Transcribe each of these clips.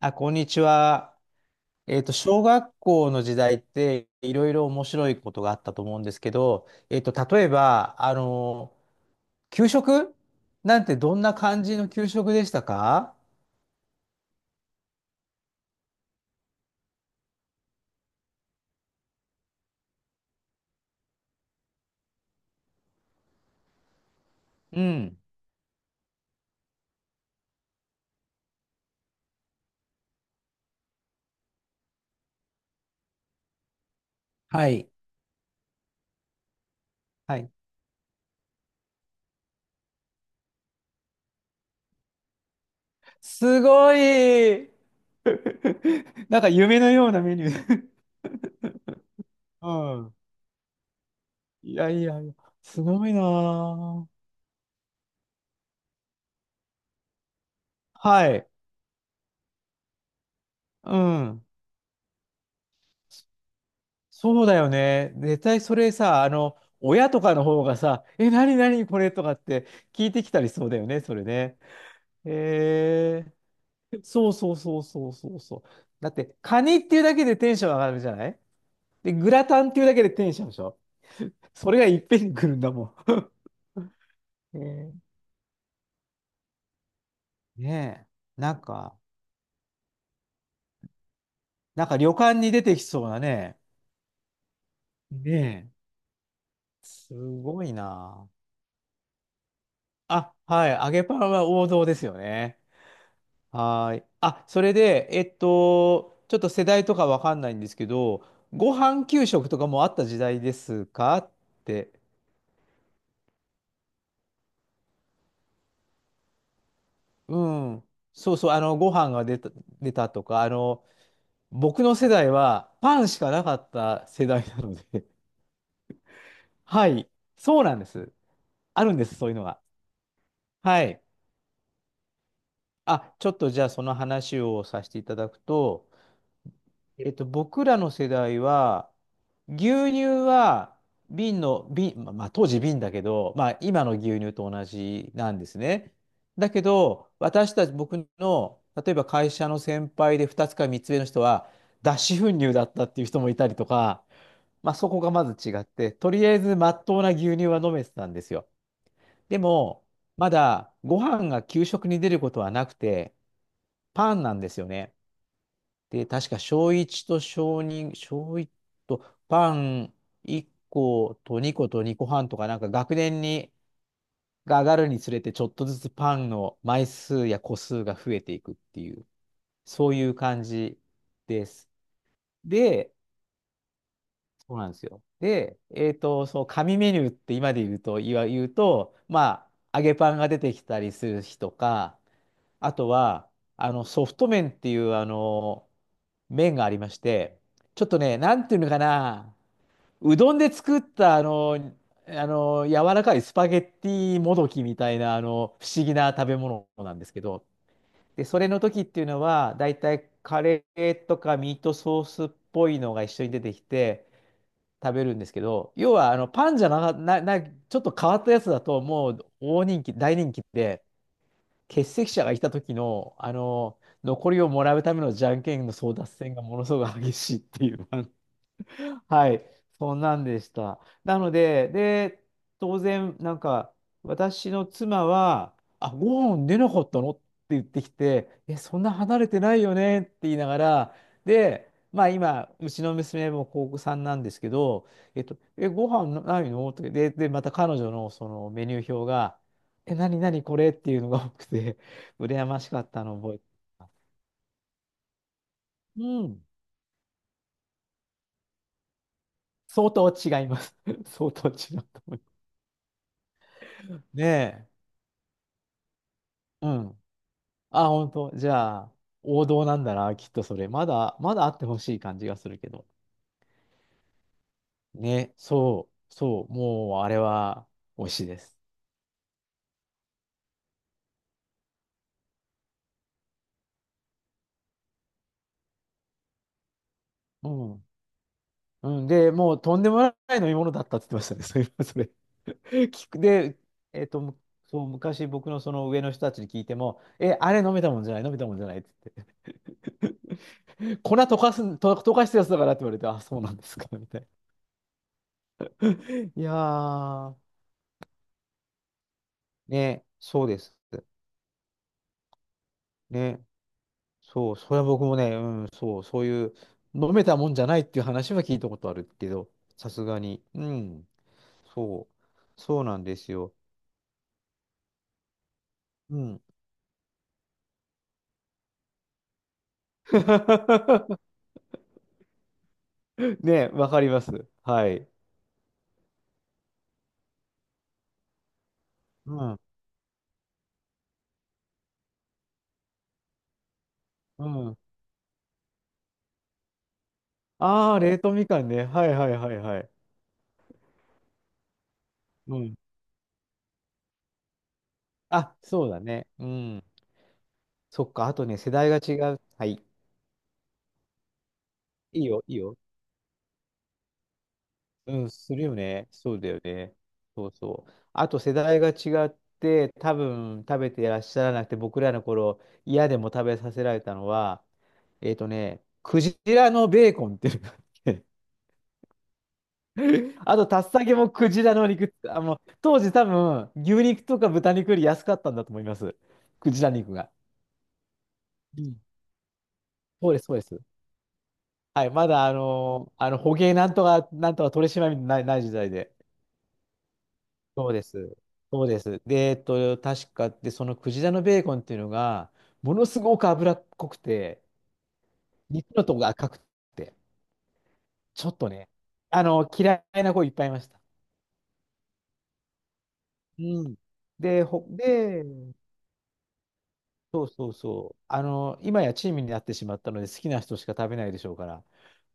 あ、こんにちは。小学校の時代っていろいろ面白いことがあったと思うんですけど、例えば、給食なんてどんな感じの給食でしたか？うん。はい。はい。すごい。 なんか夢のようなメニュー。うん。いやいやいや、すごいなぁ。はい。うん。そうだよね。絶対それさ、親とかの方がさ、え、なになにこれとかって聞いてきたり、そうだよね、それね。へえ。そうそうそうそうそうそう。だって、カニっていうだけでテンション上がるじゃない。で、グラタンっていうだけでテンションでしょ。それがいっぺんに来るんだもん。へえ。ねえ。なんか旅館に出てきそうなね。ねえ。すごいな。あ、はい。揚げパンは王道ですよね。はーい。あ、それで、ちょっと世代とかわかんないんですけど、ご飯給食とかもあった時代ですかって。うん。そうそう、ご飯が出た、出たとか、僕の世代はパンしかなかった世代なので。 はい。そうなんです。あるんです、そういうのが。はい。あ、ちょっとじゃあその話をさせていただくと、僕らの世代は、牛乳は瓶の、瓶、まあ当時瓶だけど、まあ今の牛乳と同じなんですね。だけど、私たち、僕の、例えば会社の先輩で2つか3つ目の人は、脱脂粉乳だったっていう人もいたりとか、まあそこがまず違って、とりあえず真っ当な牛乳は飲めてたんですよ。でも、まだご飯が給食に出ることはなくて、パンなんですよね。で、確か小1と小2、小1とパン1個と2個と2個半とか、なんか学年にが上がるにつれて、ちょっとずつパンの枚数や個数が増えていくっていう、そういう感じです。で、そうなんですよ。で、そう、紙メニューって今で言うと、言うと、まあ、揚げパンが出てきたりする日とか、あとは、ソフト麺っていう、麺がありまして、ちょっとね、なんていうのかな、うどんで作った柔らかいスパゲッティもどきみたいな、不思議な食べ物なんですけど、で、それの時っていうのは、だいたいカレーとかミートソースっぽいのが一緒に出てきて食べるんですけど、要はあのパンじゃな、ちょっと変わったやつだと、もう大人気、大人気で、欠席者がいた時の、残りをもらうためのじゃんけんの争奪戦がものすごく激しいっていう、あ、はい、そんなんでした。なので、で、当然、なんか、私の妻は、あ、ご飯出なかったのって言ってきて、え、そんな離れてないよねって言いながら、で、まあ今、うちの娘も高校さんなんですけど、え、ご飯ないのって、で、また彼女のそのメニュー表が、え、何何これっていうのが多くて、羨ましかったのを覚えてます。うん、相当違います。相当違うと思います。ねえ。うん。あ、本当。じゃあ、王道なんだな、きっとそれ。まだ、まだあってほしい感じがするけど。ね、そう、そう、もうあれは美味しいです。うん。うん、で、もうとんでもない飲み物だったって言ってましたね、そういえばそれ。聞く、で、む、そう、昔僕のその上の人たちに聞いても、え、あれ飲めたもんじゃない、飲めたもんじゃないって言って、粉溶かす、と溶かしたやつだからって言われて、あ、そうなんですか、みたいな。いやー、ね、そうです。ね。そう、それは僕もね、うん、そう、そういう、飲めたもんじゃないっていう話は聞いたことあるけど、さすがに。うん、そう、そうなんですよ。うん。ね、わかります。はい。うん、うん。ああ、冷凍みかんね。はいはいはいはい。うん。あ、そうだね。うん。そっか、あとね、世代が違う。はい。いいよ、いいよ。うん、するよね。そうだよね。そうそう。あと世代が違って、多分食べていらっしゃらなくて、僕らの頃、嫌でも食べさせられたのは、クジラのベーコンっていうのがあって、あと、タッサケもクジラの肉、当時多分、牛肉とか豚肉より安かったんだと思います。クジラ肉が。うん。そうです、そうです。はい、まだ捕鯨なんとか、なんとか取締まりない、ない時代で。そうです。そうです。で、確かで、そのクジラのベーコンっていうのが、ものすごく脂っこくて、肉のとこが赤くて、ちょっとね、嫌いな子いっぱいいました。うん。で、で、そうそうそう。あの、今やチームになってしまったので、好きな人しか食べないでしょうから。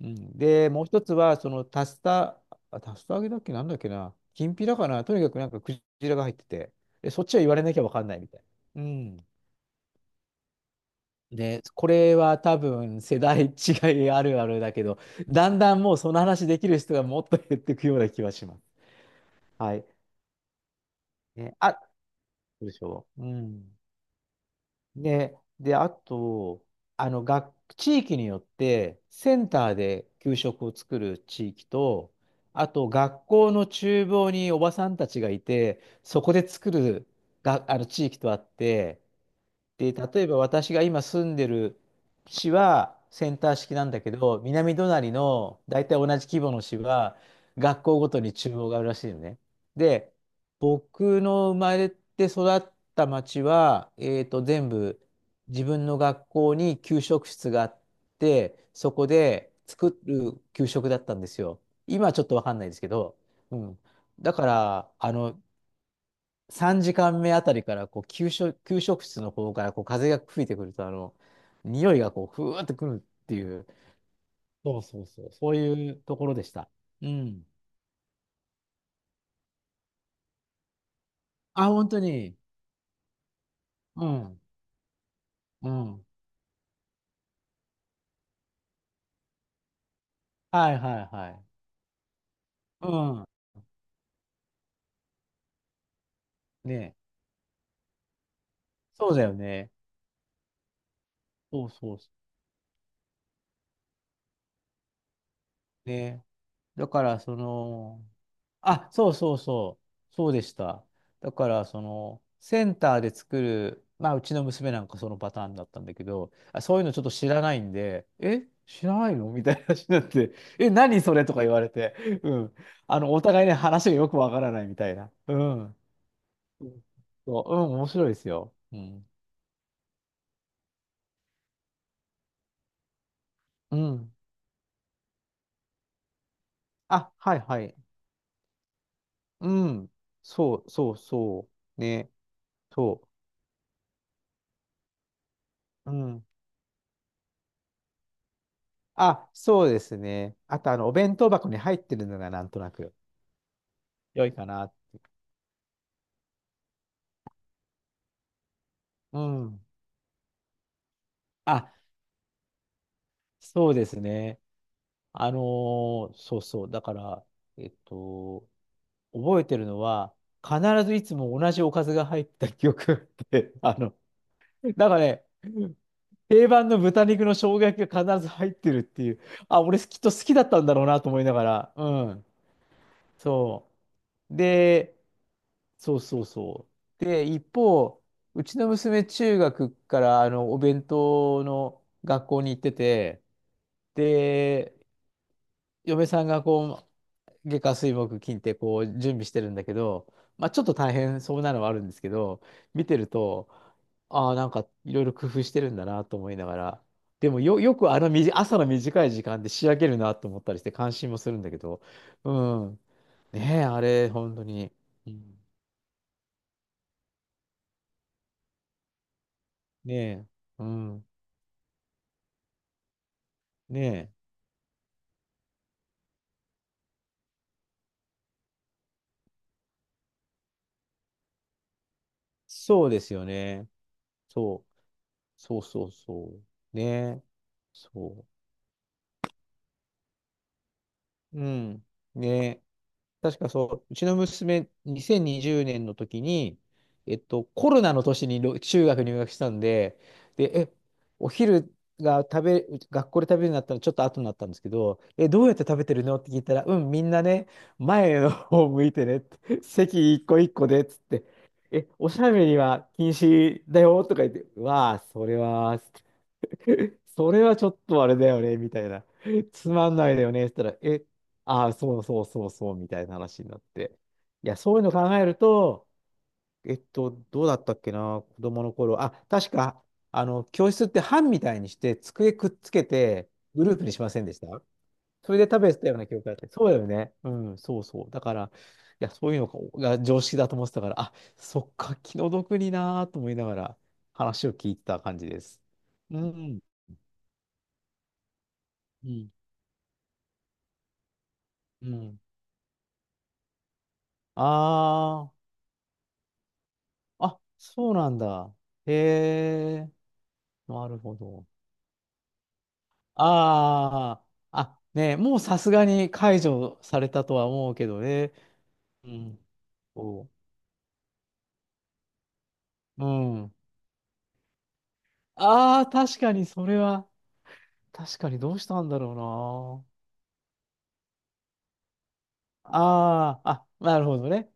うん。で、もう一つは、その、タスタ、あ、タスタ揚げだっけ、なんだっけな、きんぴらかな、とにかくなんかクジラが入ってて、で、そっちは言われなきゃわかんないみたいな。うん。ね、これは多分世代違いあるあるだけど、だんだんもうその話できる人がもっと減っていくような気はします。はい。ね、あ、そうでしょう。うん。ね、で、あと、学、地域によって、センターで給食を作る地域と、あと、学校の厨房におばさんたちがいて、そこで作るが、地域とあって、で、例えば私が今住んでる市はセンター式なんだけど、南隣の大体同じ規模の市は学校ごとに中央があるらしいのね。で、僕の生まれて育った町は、全部自分の学校に給食室があって、そこで作る給食だったんですよ。今はちょっとわかんないですけど、うん。だから、3時間目あたりからこう給食、給食室の方からこう風が吹いてくると、あの匂いがこうふわーってくるっていう、そうそうそう、そそういうところでした。うん。あ、本当に。うん。うん。はいはいはい。うん。ねえ、そうだよね。そうそうそう。ねえ、だから、その、あ、そうそうそう。そうでした。だから、その、センターで作る、まあ、うちの娘なんかそのパターンだったんだけど、あ、そういうのちょっと知らないんで、え、知らないのみたいな話になって、え、何それとか言われて、うん。あの、お互いね、話がよくわからないみたいな。うん。うん、そう、うん、面白いですよ。うん。うん。あ、はいはい。うん。そうそうそう。ね。そう。うん。あ、そうですね。あと、お弁当箱に入ってるのがなんとなく良いかな。うん。あ、そうですね。あのそうそう。だから、えっと、覚えてるのは、必ずいつも同じおかずが入った記憶があって、なんかね、定番の豚肉の生姜焼きが必ず入ってるっていう、あ、俺きっと好きだったんだろうなと思いながら、うん。そう。で、そうそうそう。で、一方、うちの娘、中学からお弁当の学校に行ってて、で、嫁さんがこう、月火水木金ってこう準備してるんだけど、まあ、ちょっと大変そうなのはあるんですけど、見てると、ああ、なんかいろいろ工夫してるんだなと思いながら、でも、よくあの、朝の短い時間で仕上げるなと思ったりして、感心もするんだけど、うん、ねえ、あれ、本当に。うん、ねえ、うん、ねえ。そうですよね。そう。そうそうそう。ね。そう。うん。ね。確かそう、うちの娘、2020年の時に、コロナの年に、中学入学したんで、で、え、お昼が食べ、学校で食べるようになったのちょっと後になったんですけど、え、どうやって食べてるのって聞いたら、うん、みんなね、前の方向いてねって、席一個一個で、つって、え、おしゃべりは禁止だよとか言って、わあ、それは、それはちょっとあれだよね、みたいな。つまんないだよね、って言ったら、え、ああ、そうそうそうそう、みたいな話になって。いや、そういうの考えると、どうだったっけな、子供の頃。あ、確か、教室って班みたいにして、机くっつけて、グループにしませんでした？それで食べてたような記憶があって。そうだよね。うん、そうそう。だから、いや、そういうのが常識だと思ってたから、あ、そっか、気の毒になーと思いながら話を聞いてた感じです。うん。うんうん。ああ、あ、そうなんだ。へえ、なるほど。ああ、あ、ねえ、もうさすがに解除されたとは思うけどね。うん。そう。うん。ああ、確かにそれは、確かにどうしたんだろうな。ああ、あ、なるほどね。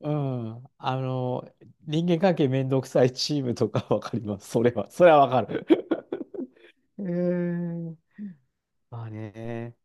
うん。あの、人間関係めんどくさいチームとかわかります。それは、それはわかる。へえ。まあね。